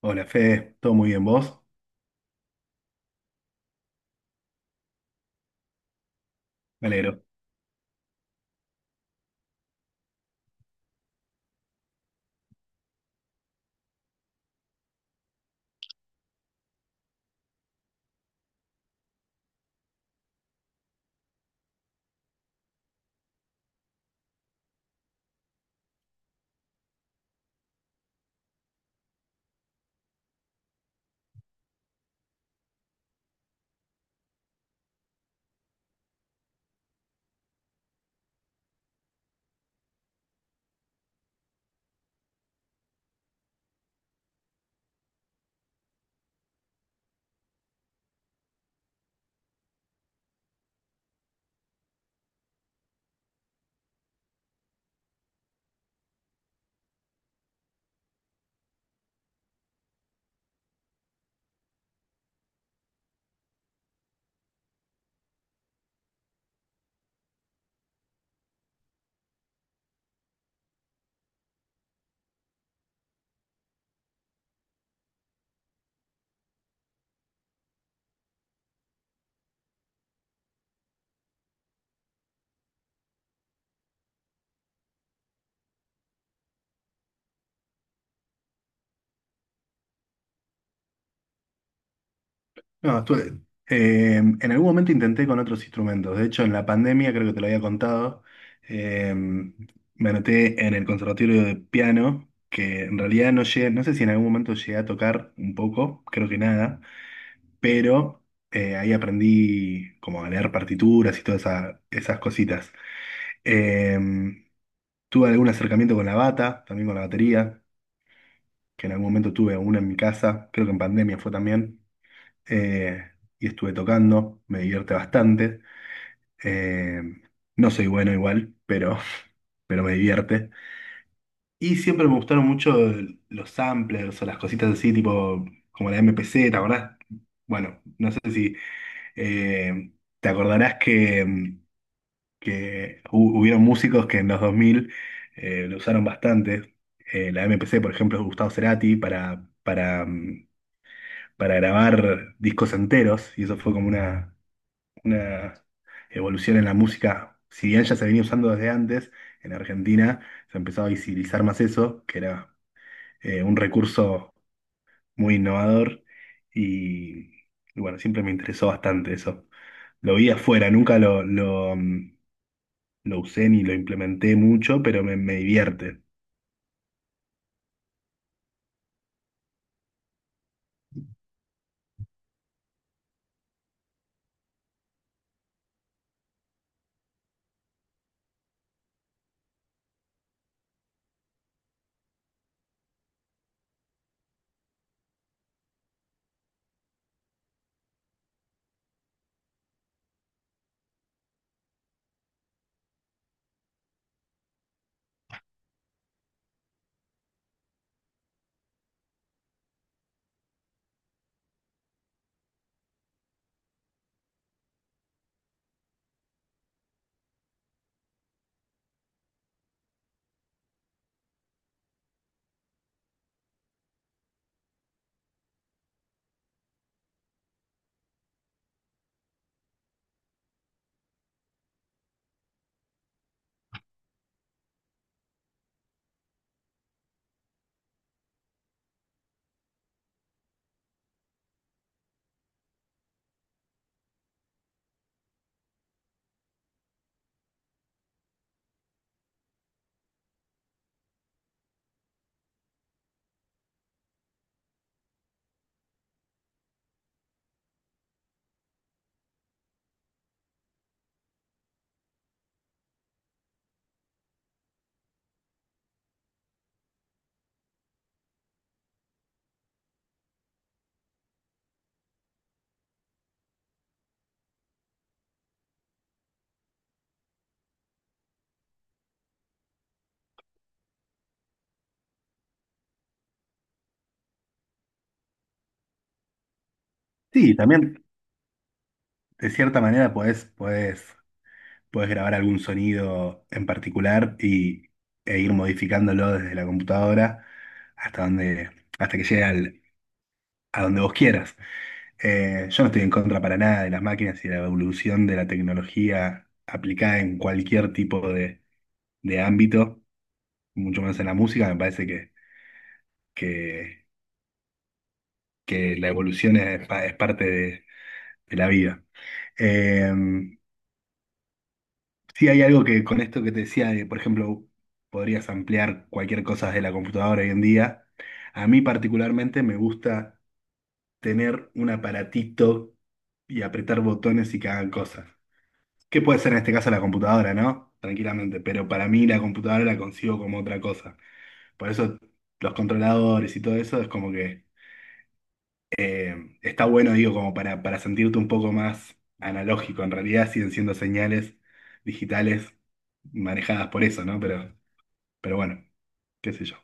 Hola, Fede, ¿todo muy bien vos? Me alegro. No, en algún momento intenté con otros instrumentos. De hecho, en la pandemia, creo que te lo había contado, eh, me anoté en el conservatorio de piano, que en realidad no llegué, no sé si en algún momento llegué a tocar un poco, creo que nada, pero ahí aprendí como a leer partituras y todas esas cositas. Eh, Tuve algún acercamiento con la bata, también con la batería, que en algún momento tuve una en mi casa, creo que en pandemia fue también. eh, y estuve tocando, me divierte bastante. Eh, no soy bueno igual, pero, pero me divierte. Y siempre me gustaron mucho los samplers o las cositas así, tipo como la M P C, ¿te acordás? Bueno, no sé si eh, te acordarás que, que hubieron músicos que en los 2000 lo usaron bastante. La M P C por ejemplo, Gustavo Cerati para para grabar discos enteros, y eso fue como una evolución en la música, si bien ya se venía usando desde antes, en Argentina se empezó a visibilizar más eso, que era un recurso muy innovador y, y bueno, siempre me interesó bastante eso. Lo vi afuera, nunca lo usé ni lo implementé mucho, pero me divierte. Sí, también de cierta manera podés puedes grabar algún sonido en particular y, e ir modificándolo desde la computadora hasta donde, hasta que llegue a donde vos quieras. Yo no estoy en contra para nada de las máquinas y de la evolución de la tecnología aplicada en cualquier tipo de ámbito, mucho menos en la música. Me parece que, que la evolución es, es parte de la vida. Eh, Sí, hay algo que con esto que te decía, de, por ejemplo, podrías ampliar cualquier cosa de la computadora hoy en día. A mí particularmente me gusta tener un aparatito y apretar botones y que hagan cosas. Que puede ser en este caso la computadora, ¿no? Tranquilamente, pero para mí la computadora la consigo como otra cosa. Por eso los controladores y todo eso es como que está bueno, digo, como para sentirte un poco más analógico. En realidad siguen siendo señales digitales manejadas por eso, ¿no? Pero bueno, qué sé yo,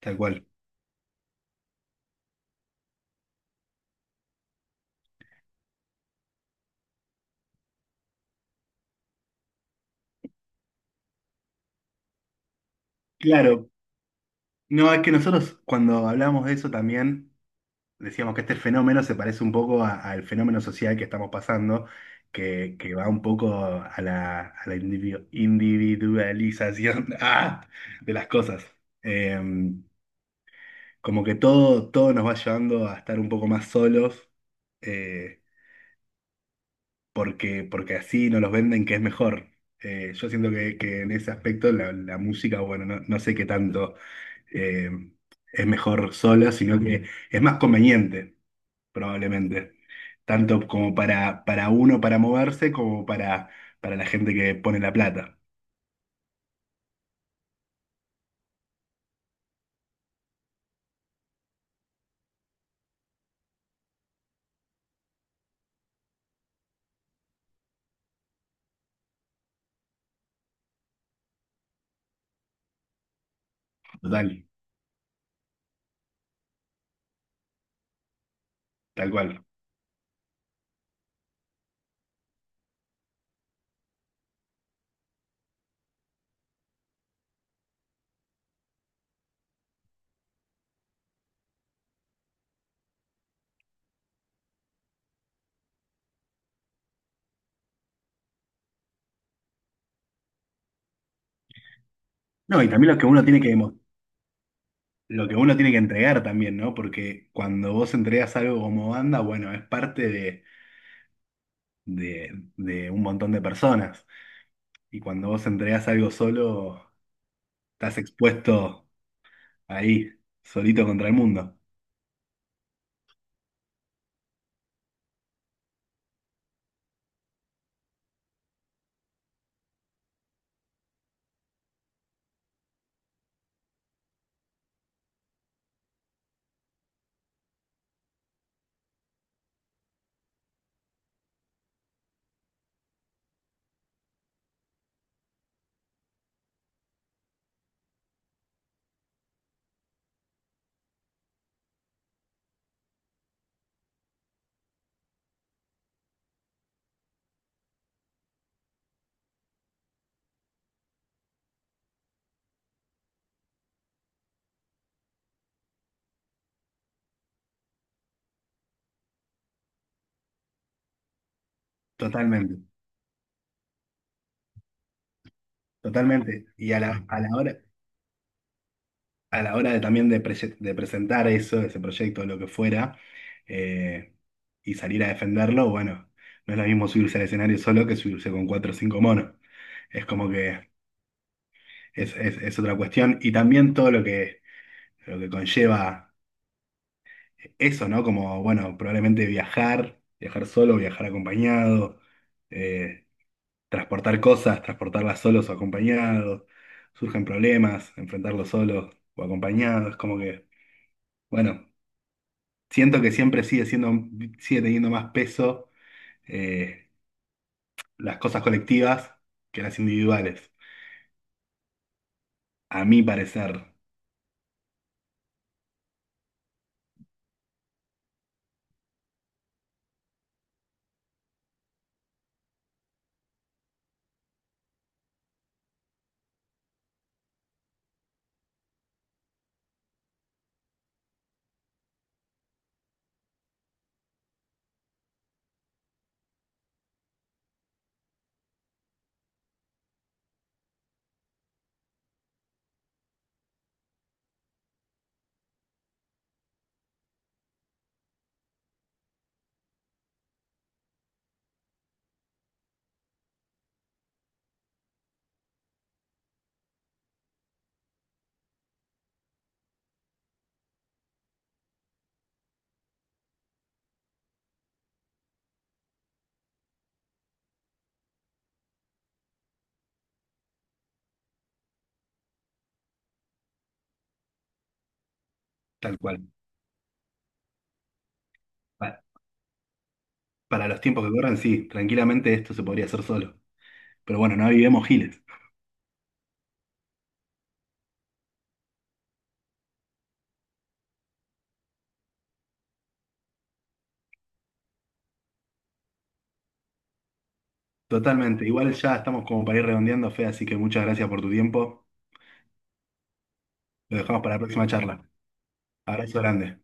tal cual. Claro, no, es que nosotros cuando hablamos de eso también decíamos que este fenómeno se parece un poco al fenómeno social que estamos pasando, que va un poco a a la individualización ¡ah! De las cosas. Eh, Como que todo, todo nos va llevando a estar un poco más solos, eh, porque, porque así nos los venden que es mejor. Yo siento que en ese aspecto la música, bueno, no, no sé qué tanto. eh, es mejor sola, sino que es más conveniente, probablemente, tanto como para uno para moverse como para la gente que pone la plata. Total, tal cual. No, y también lo que uno tiene que lo que uno tiene que entregar también, ¿no? Porque cuando vos entregas algo como banda, bueno, es parte de, de un montón de personas. Y cuando vos entregas algo solo, estás expuesto ahí, solito contra el mundo. Totalmente. Totalmente. Y a a la hora de también de, de presentar eso, ese proyecto, lo que fuera, eh, y salir a defenderlo, bueno, no es lo mismo subirse al escenario solo que subirse con cuatro o cinco monos. Es como que es otra cuestión. Y también todo lo que conlleva eso, ¿no? Como, bueno, probablemente viajar, viajar solo, viajar acompañado. eh, Transportar cosas, transportarlas solos o acompañados, surgen problemas, enfrentarlos solos o acompañados, como que, bueno, siento que siempre sigue siendo, sigue teniendo más peso eh, las cosas colectivas que las individuales, a mi parecer, tal cual. Pa- Para los tiempos que corren, sí, tranquilamente esto se podría hacer solo. Pero bueno, no vivimos giles. Totalmente. Igual ya estamos como para ir redondeando, Fe, así que muchas gracias por tu tiempo. Lo dejamos para la próxima charla. Abrazo grande.